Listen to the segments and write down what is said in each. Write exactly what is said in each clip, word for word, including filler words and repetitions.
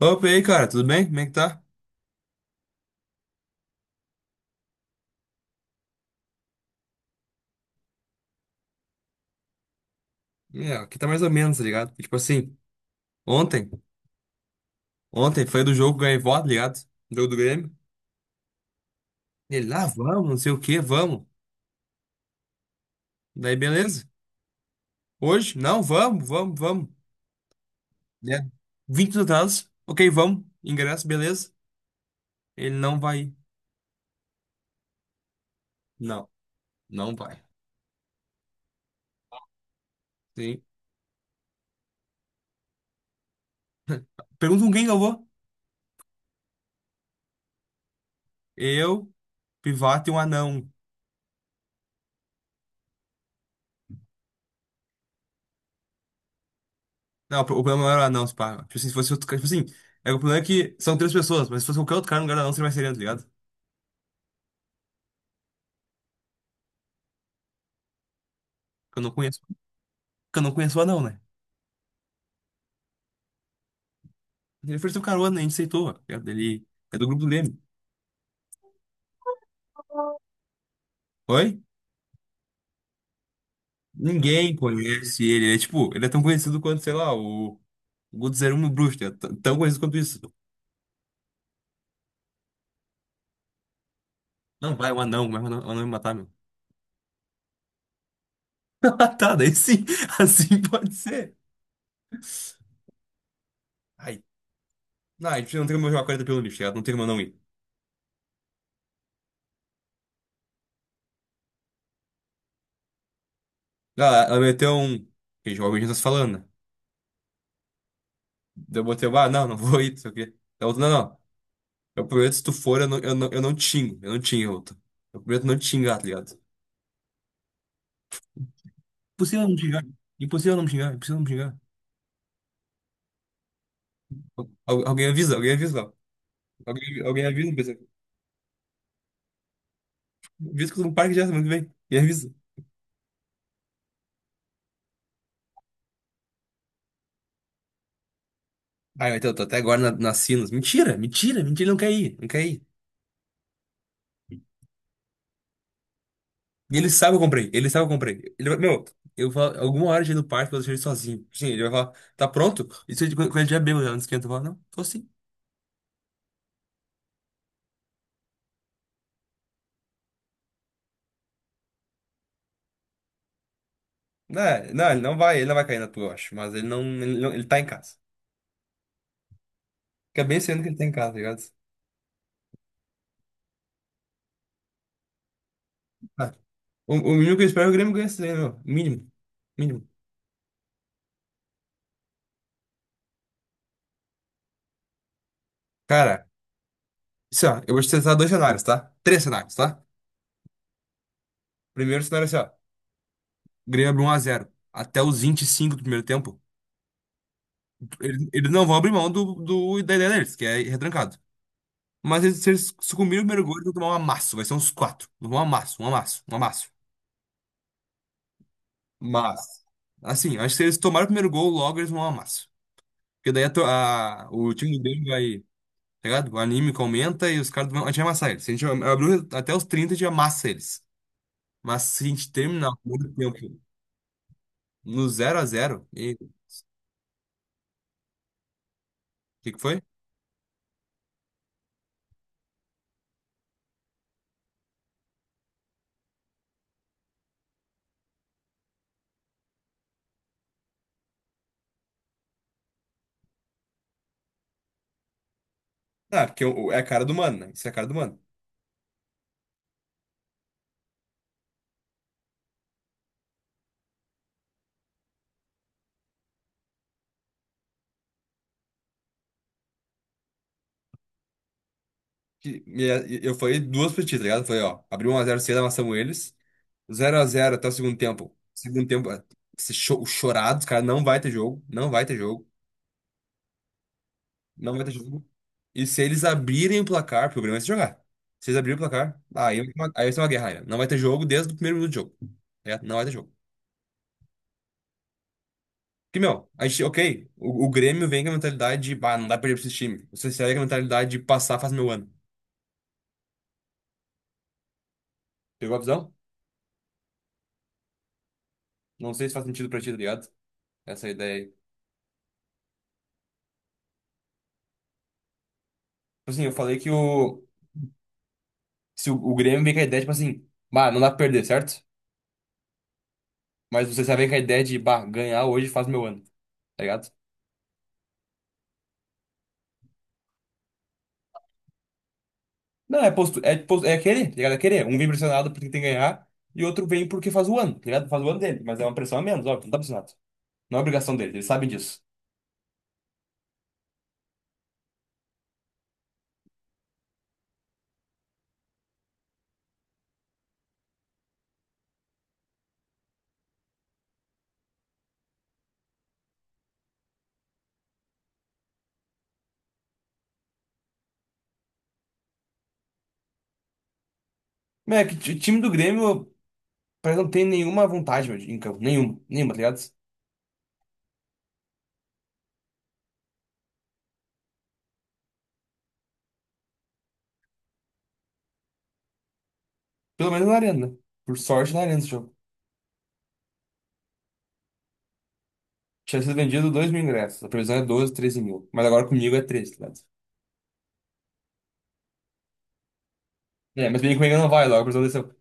Opa, e aí, cara, tudo bem? Como é que tá? É, aqui tá mais ou menos, tá ligado? E, Tipo assim, ontem, ontem foi do jogo ganhei voto, tá ligado? Jogo do Grêmio. E Ele, lá, vamos, não sei o que vamos. Daí, beleza. Hoje? Não, vamos, vamos, vamos. Né? vinte minutos atrás, ok, vamos. Ingresso, beleza. Ele não vai ir. Não, não vai. Sim. Pergunta com quem que eu vou? Eu, Pivato e um anão. Não, o problema não era o anão, se pá. Tipo assim, se fosse outro cara, tipo assim, é, o problema é que são três pessoas, mas se fosse qualquer outro cara no lugar do anão, seria mais sereno, tá ligado? Que eu não conheço. Que eu não conheço o anão, né? Ele ofereceu carona, a gente aceitou, tá ligado? Ele é do grupo do Leme. Oi? Ninguém conhece ele. Ele é tipo, ele é tão conhecido quanto, sei lá, o o Guto zero um e o Bruxo, tá ligado? Tão tão conhecido quanto isso. Não, vai, o anão, vai, o anão, o anão me matar, meu. Tá, daí sim, assim pode ser. Ai, não, a gente não tem como jogar quarenta pelo lixo, tá ligado? Não tem como eu não ir. Ah, ela meteu um. Que jovem a gente tá se falando, né? Daí Eu botei, ah, não, não vou ir, não sei o quê. Daí outra, não, não. Eu prometo, se tu for, eu não, eu não, eu não tingo. Eu não tingo, outra. Eu prometo não te xingar, tá ligado? Impossível não me xingar. Impossível não me xingar. Impossível não me xingar. Al- alguém avisa, alguém avisa. ó. Alguém, alguém avisa, pessoal. Avisa que eu tô no parque já semana que vem. E avisa. Ai, mas eu tô até agora na, nas Sinos. Mentira, mentira, mentira. Ele não quer ir, não quer ir. E ele sabe que eu comprei, ele sabe que eu comprei. Ele vai, meu, eu falo, alguma hora já ir no parque, eu vou deixar ele sozinho. Sim, ele vai falar, tá pronto? Isso é de- quando quando ele já é já não esquenta. Eu falo, não, tô sim. Não, não, ele não vai, ele não vai cair na tua, eu acho. Mas ele não, ele, não, ele tá em casa. Fica bem sendo que ele tá em casa, tá ligado? Ah, o, o mínimo que eu espero é que o Grêmio ganhe esse daí, meu. Mínimo. Mínimo. Cara, assim, ó, eu vou te tentar dois cenários, tá? Três cenários, tá? Primeiro cenário é assim, ó. O Grêmio abre um a zero. Até os vinte e cinco do primeiro tempo, eles, eles não vão abrir mão do, do, da ideia deles, que é ir retrancado. Mas eles, se eles sucumbirem no primeiro gol, eles vão tomar um amasso. Vai ser uns quatro. Um amasso, um amasso, um amasso. Mas, assim, eu acho que se eles tomarem o primeiro gol, logo eles vão um amasso. Porque daí a, to- a- o time do Grêmio vai, tá ligado? O anímico aumenta e os caras vão. A gente vai amassar eles. Se a gente abrir até os trinta a gente amassa eles. Mas se a gente terminar o primeiro tempo no zero a zero. E o que que foi? Ah, porque eu- é a cara do mano, né? Isso é a cara do mano. Que- e é, e- eu falei duas pra ti, tá ligado? Eu Falei, ó, abriu um a zero cedo, amassamos eles. Zero a zero até o segundo tempo. Segundo tempo, é, esse cho- chorado, os caras não vai ter jogo. Não vai ter jogo. Não vai ter jogo. E se eles abrirem o placar, porque o Grêmio vai se jogar. Se eles abrirem o placar, aí, vai ter uma- aí vai ser uma guerra, né? Não vai ter jogo desde o primeiro minuto de jogo, tá ligado? Não vai ter jogo. Porque, meu, a gente, ok, o, o Grêmio vem com a mentalidade de, ah, não dá pra perder pra esse time. O C S E vem com a mentalidade de passar faz meu ano. Pegou a visão? Não sei se faz sentido pra ti, tá ligado? Essa ideia aí. Tipo Assim, eu falei que o. Se o, o Grêmio vem com a ideia, tipo assim, bah, não dá pra perder, certo? Mas você já vem com a ideia de, bah, ganhar hoje faz meu ano, tá ligado? Não, é, postu, é, postu, é aquele, tá ligado? É aquele. Um vem pressionado porque tem que ganhar e outro vem porque faz o ano, tá ligado? Faz o ano dele, mas é uma pressão a menos, óbvio, não tá pressionado. Não é obrigação dele, eles sabem disso. Mas é que o time do Grêmio parece que não tem nenhuma vontade, meu, em campo. Nenhuma, nenhuma, tá ligado? Pelo menos na arena, né? Por sorte na arena esse jogo. Tinha sido vendido dois mil ingressos. A previsão é doze treze mil. Mas agora comigo é treze, tá ligado? É, mas bem comigo não vai logo. A previsão desceu.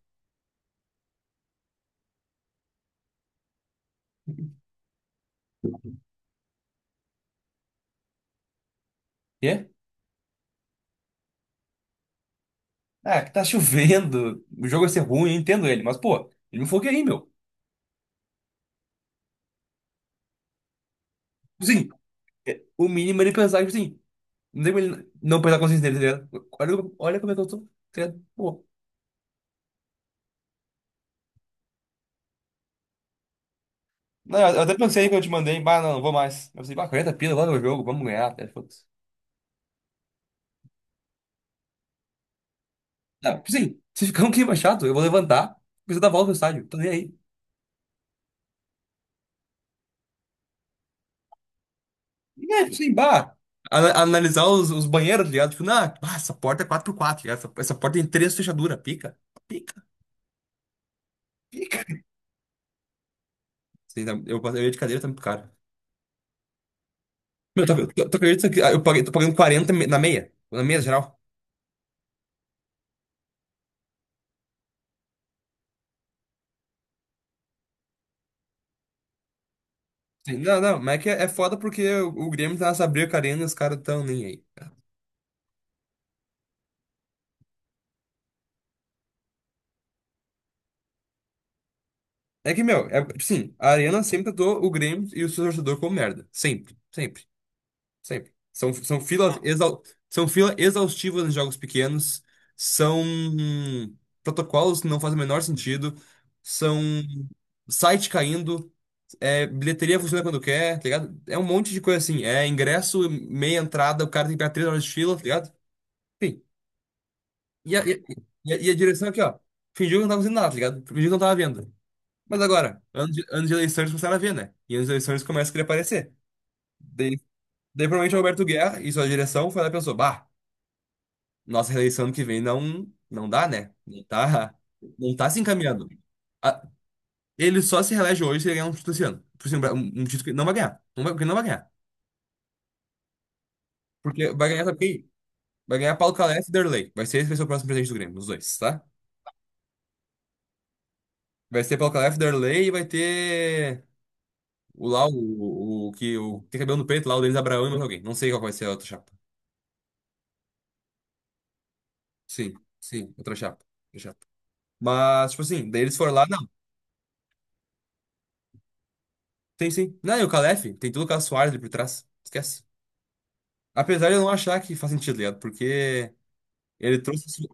Quê? Ah, que tá chovendo. O jogo vai ser ruim, eu entendo ele. Mas, pô, ele me falou aí, meu. Sim, o mínimo é ele pensar, tipo assim. Não tem como ele não pensar a consciência dele, tá ligado? Olha, olha como é que eu tô, tá ligado? Pô. Não, eu até pensei que eu te mandei. Bah, não, não vou mais. Eu pensei, bah, quarenta pila, logo no jogo, vamos ganhar, tá ligado? Foda-se. Não, tipo assim, se ficar um clima chato, eu vou levantar. Preciso dar volta no estádio. Tô nem aí. É, sim, bah. Ana- Analisar os, os banheiros, tá ligado? Tipo, não, bah, essa porta é quatro por quatro, tá ligado? Essa, essa porta tem três fechaduras. Pica, pica, pica. Sei lá, Eu, eu ia de cadeira, tá muito caro. Meu, tu, tu, tu acredita que ah, eu paguei, tô pagando quarenta me- na meia? Na meia geral? Sim, Não, não, mas é que é, é foda porque o, o Grêmio tá nessa briga com a Arena e os caras tão nem aí. É que, meu, é, sim, a Arena sempre tratou o Grêmio e o seu torcedor como merda. Sempre, sempre. Sempre. São, são filas. Não. exau, São fila exaustivas em jogos pequenos, são hum, protocolos que não fazem o menor sentido, são site caindo, é, bilheteria funciona quando quer, tá ligado? É um monte de coisa assim. É ingresso, meia entrada, o cara tem que pegar três horas de fila, tá ligado? Enfim. E a, e, a, e a e a direção aqui, ó. Fingiu que não tava fazendo nada, tá ligado? Fingiu que não tava vendo. Mas agora, anos de, anos de eleições começaram a ver, né? E anos de eleições começam a querer aparecer. Daí, Daí provavelmente o Roberto Guerra e sua direção foi lá e pensou, bah. Nossa reeleição ano que vem não, não dá, né? Não tá, não tá se encaminhando. A- Ele só se reelege hoje se ele ganhar um título esse ano. Por exemplo, um, um um título que ele não vai ganhar. Não vai, porque ele não vai ganhar. Porque vai ganhar, sabe quem? Vai ganhar Paulo Calef e Derlei. Vai ser esse vai ser o próximo presidente do Grêmio, os dois, tá? Vai ser Paulo Calef, Derlei e vai ter o lá, o, o, o que o, que tem cabelo no peito lá, o Denis Abraão e mais alguém. Não sei qual vai ser a outra chapa. Sim, sim, outra chapa. Outra chapa. Mas, tipo assim, daí eles foram lá, não. Tem sim. Não, e o Calef, tem tudo o Carlos Soares ali por trás. Esquece. Apesar de eu não achar que faz sentido, tá ligado? Porque ele trouxe esse-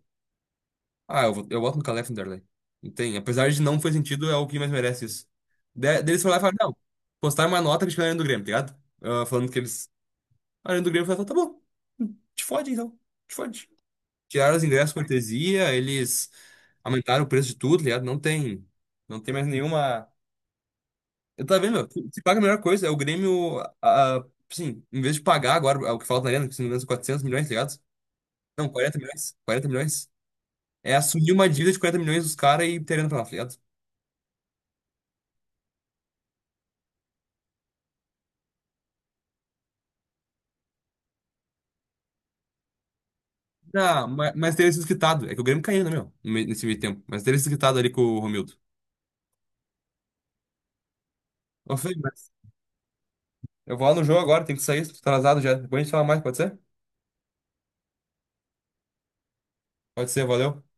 Ah, eu, vou- eu boto no Calé Vanderlei. Não tem. Apesar de não fazer sentido, é o que mais merece isso. Da- Daí foram lá e falaram: não, postaram uma nota criticando a Arena do Grêmio, tá ligado? Ah, falando que eles. A Arena do Grêmio falou: tá bom, te fode então, te fode. Tiraram os ingressos cortesia, eles aumentaram o preço de tudo, tá ligado? Não tem. Não tem mais nenhuma. Eu tava vendo, meu, se se paga a melhor coisa, é o Grêmio. Ah, sim, em vez de pagar agora é o que falta na Arena, que se não me engano são quatrocentos milhões, tá ligado? Não, quarenta milhões. quarenta milhões. É assumir uma dívida de quarenta milhões dos caras e terem pra lá, tá ligado? Ah, mas, mas teria sido quitado. É que o Grêmio caiu, né, meu? No meio- Nesse meio tempo. Mas teria sido quitado ali com o Romildo. Ô, Fê, mas eu vou lá no jogo agora, tem que sair, tô atrasado já. Depois a gente fala mais, pode ser? Pode ser, valeu.